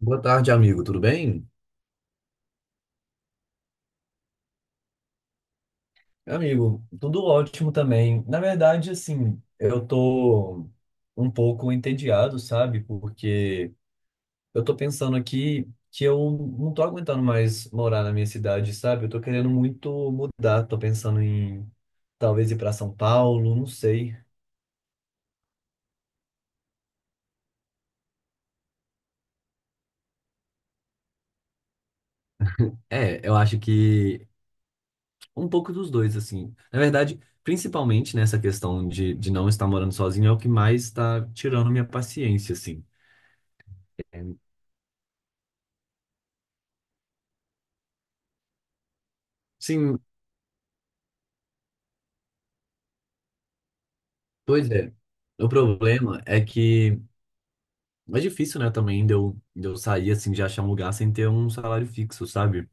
Boa tarde, amigo. Tudo bem? Amigo, tudo ótimo também. Na verdade, assim, eu tô um pouco entediado, sabe? Porque eu tô pensando aqui que eu não tô aguentando mais morar na minha cidade, sabe? Eu tô querendo muito mudar, tô pensando em talvez ir pra São Paulo, não sei. É, eu acho que um pouco dos dois, assim. Na verdade, principalmente nessa questão de não estar morando sozinho, é o que mais está tirando minha paciência, assim. Sim, pois é. O problema é que é difícil, né, também de eu sair assim, de achar um lugar sem ter um salário fixo, sabe?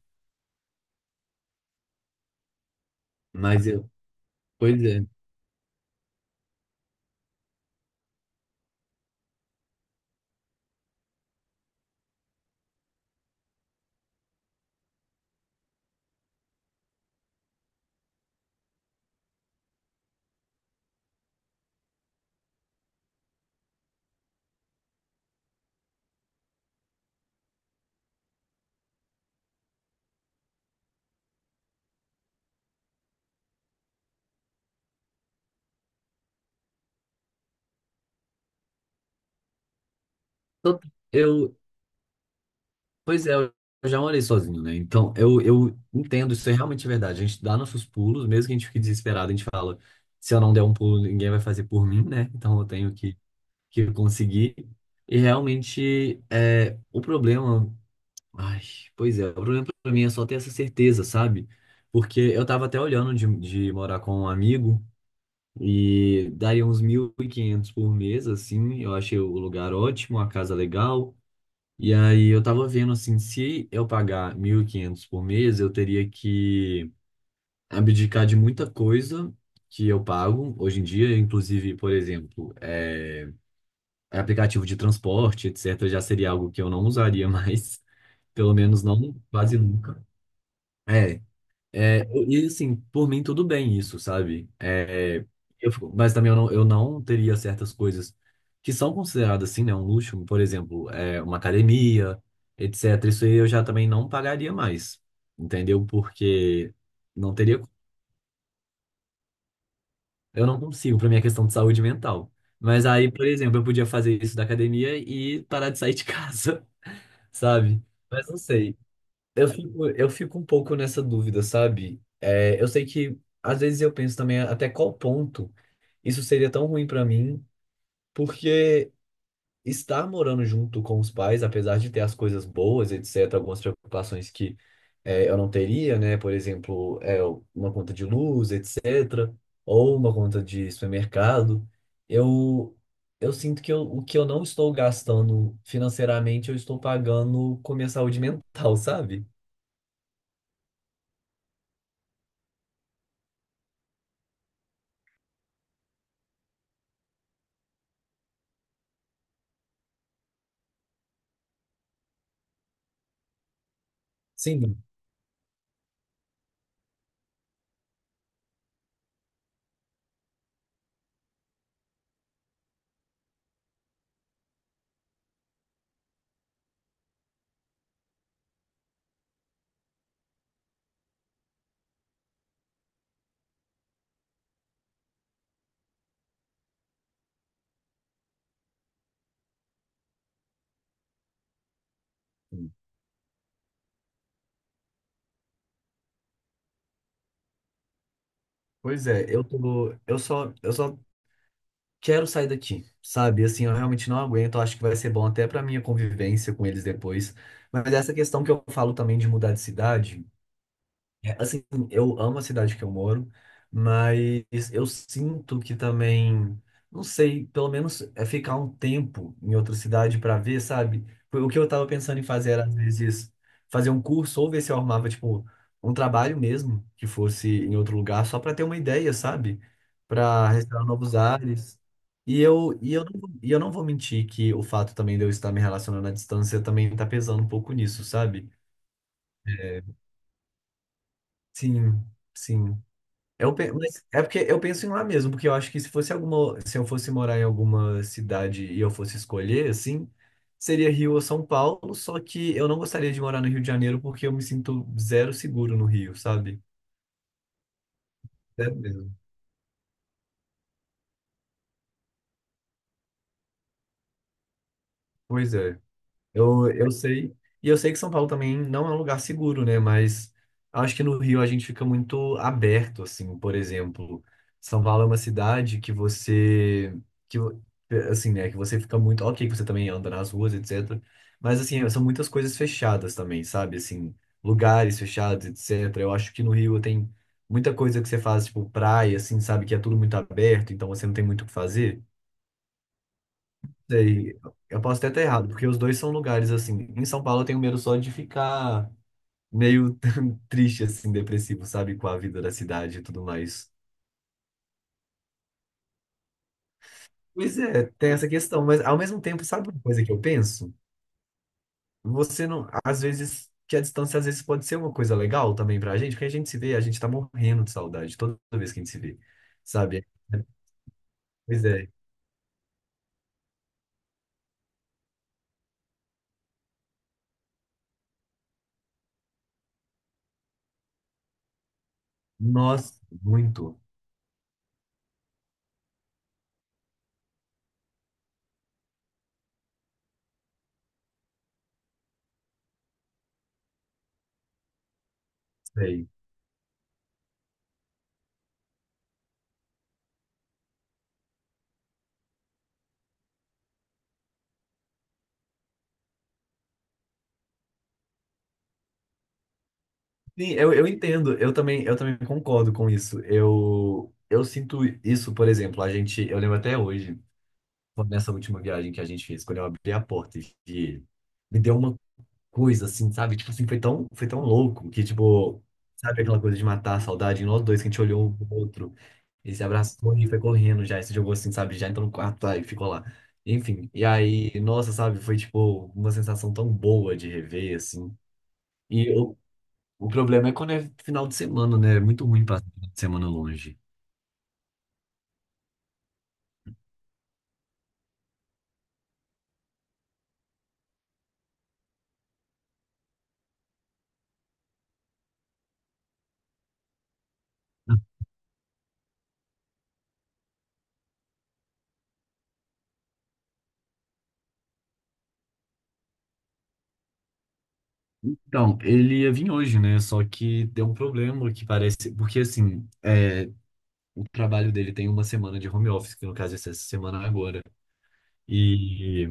Mas eu, pois é. Então, Eu, pois é, eu já morei sozinho, né? Então, eu entendo, isso é realmente verdade. A gente dá nossos pulos, mesmo que a gente fique desesperado, a gente fala, se eu não der um pulo, ninguém vai fazer por mim, né? Então eu tenho que conseguir. E realmente, é, o problema. Ai, pois é, o problema pra mim é só ter essa certeza, sabe? Porque eu tava até olhando de morar com um amigo e daria uns 1.500 por mês, assim. Eu achei o lugar ótimo, a casa legal. E aí eu tava vendo, assim, se eu pagar 1.500 por mês, eu teria que abdicar de muita coisa que eu pago hoje em dia, inclusive, por exemplo, aplicativo de transporte, etc., já seria algo que eu não usaria mais, pelo menos não quase nunca. É, E assim, por mim tudo bem isso, sabe? Mas também eu não teria certas coisas que são consideradas assim, né, um luxo, por exemplo, uma academia, etc. Isso aí eu já também não pagaria mais, entendeu? Porque não teria, eu não consigo para minha questão de saúde mental. Mas aí, por exemplo, eu podia fazer isso da academia e parar de sair de casa, sabe? Mas não sei. Eu fico um pouco nessa dúvida, sabe? Eu sei que às vezes eu penso também até qual ponto isso seria tão ruim pra mim, porque estar morando junto com os pais, apesar de ter as coisas boas, etc., algumas preocupações que eu não teria, né? Por exemplo, uma conta de luz, etc., ou uma conta de supermercado, eu, eu sinto o que eu não estou gastando financeiramente, eu estou pagando com minha saúde mental, sabe? Sim. Pois é, eu só quero sair daqui, sabe? Assim, eu realmente não aguento, eu acho que vai ser bom até pra minha convivência com eles depois. Mas essa questão que eu falo também de mudar de cidade. Assim, eu amo a cidade que eu moro, mas eu sinto que também, não sei, pelo menos é ficar um tempo em outra cidade para ver, sabe? Foi O que eu tava pensando em fazer era, às vezes, fazer um curso ou ver se eu arrumava, tipo, um trabalho mesmo, que fosse em outro lugar, só para ter uma ideia, sabe? Para restaurar novos ares. E eu não vou mentir que o fato também de eu estar me relacionando à distância também tá pesando um pouco nisso, sabe? Sim, sim. Mas é porque eu penso em lá mesmo, porque eu acho que se eu fosse morar em alguma cidade e eu fosse escolher, assim, seria Rio ou São Paulo, só que eu não gostaria de morar no Rio de Janeiro porque eu me sinto zero seguro no Rio, sabe? Zero mesmo. Pois é. Eu sei. E eu sei que São Paulo também não é um lugar seguro, né? Mas acho que no Rio a gente fica muito aberto, assim. Por exemplo, São Paulo é uma cidade que você. Que, vo- assim, né? Que você fica muito. Ok, que você também anda nas ruas, etc. Mas, assim, são muitas coisas fechadas também, sabe? Assim, lugares fechados, etc. Eu acho que no Rio tem muita coisa que você faz, tipo, praia, assim, sabe? Que é tudo muito aberto, então você não tem muito o que fazer. Sei, eu posso até estar errado, porque os dois são lugares assim. Em São Paulo eu tenho medo só de ficar meio triste, assim, depressivo, sabe, com a vida da cidade e tudo mais. Pois é, tem essa questão, mas ao mesmo tempo, sabe uma coisa que eu penso? Você não, às vezes, que a distância às vezes pode ser uma coisa legal também pra gente, porque a gente se vê, a gente tá morrendo de saudade toda vez que a gente se vê, sabe? Pois é, nossa, muito, sei. Sim, eu entendo, eu também concordo com isso. Eu sinto isso, por exemplo, eu lembro até hoje, quando nessa última viagem que a gente fez, quando eu abri a porta e me deu uma coisa assim, sabe? Tipo assim, foi tão louco que, tipo, sabe aquela coisa de matar a saudade em nós dois, que a gente olhou um pro outro e se abraçou e foi correndo já, e se jogou assim, sabe? Já entrou no quarto tá, e ficou lá. Enfim, e aí, nossa, sabe? Foi, tipo, uma sensação tão boa de rever, assim. E eu, o problema é quando é final de semana, né? É muito ruim passar final de semana longe. Então, ele ia vir hoje, né? Só que deu um problema que parece. Porque, assim, o trabalho dele tem uma semana de home office, que no caso é essa semana agora. E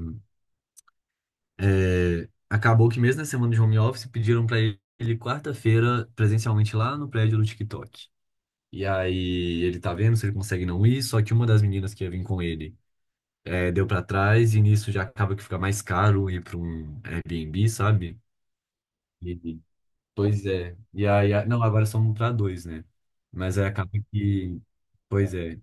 é, acabou que, mesmo na semana de home office, pediram pra ele quarta-feira presencialmente lá no prédio do TikTok. E aí ele tá vendo se ele consegue não ir, só que uma das meninas que ia vir com ele deu pra trás, e nisso já acaba que fica mais caro ir pra um Airbnb, sabe? E- Pois é. E aí, não, agora são para dois, né? Mas aí acaba que. Pois é.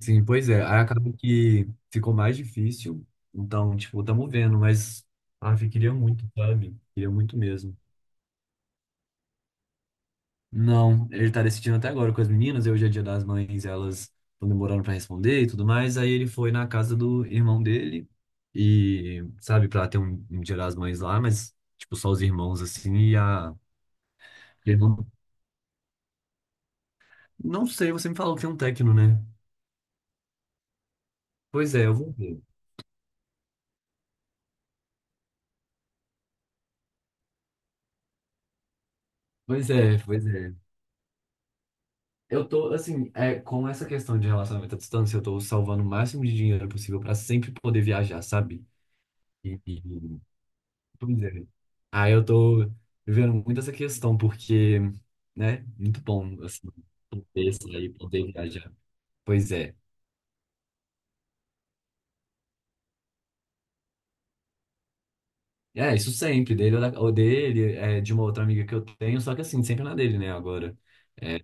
Sim, pois é. Aí acaba que ficou mais difícil. Então, tipo, estamos vendo, mas. Ah, eu queria muito, sabe? Queria muito mesmo. Não, ele tá decidindo até agora com as meninas. E hoje é dia das mães, elas estão demorando para responder e tudo mais. Aí ele foi na casa do irmão dele e, sabe, para ter um dia das mães lá, mas, tipo, só os irmãos assim e a. Não sei, você me falou que tem um técnico, né? Pois é, eu vou ver. Pois é, pois é. Eu tô, assim, com essa questão de relacionamento à distância, eu tô salvando o máximo de dinheiro possível pra sempre poder viajar, sabe? E, e- e- Pois é. Aí eu tô vivendo muito essa questão, porque, né, muito bom, assim, poder sair, poder viajar. Pois é. É, isso sempre, dele ou, ou dele, de uma outra amiga que eu tenho, só que assim, sempre na dele, né, agora. É,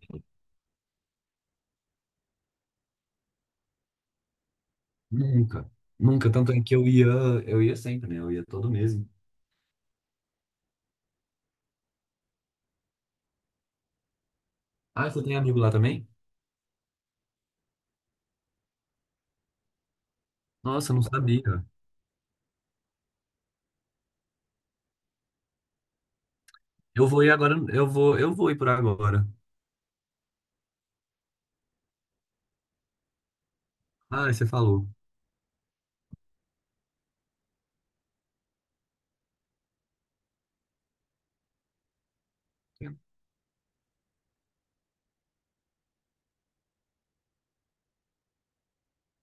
nunca, nunca. Tanto é que eu ia sempre, né? Eu ia todo mês. Ah, você tem amigo lá também? Nossa, eu não sabia. Eu vou ir agora, eu vou ir por agora. Ah, você falou.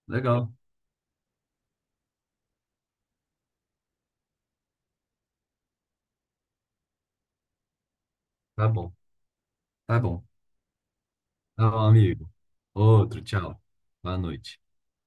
Legal. Tá bom, tá bom. Tá bom, amigo. Outro, tchau. Boa noite.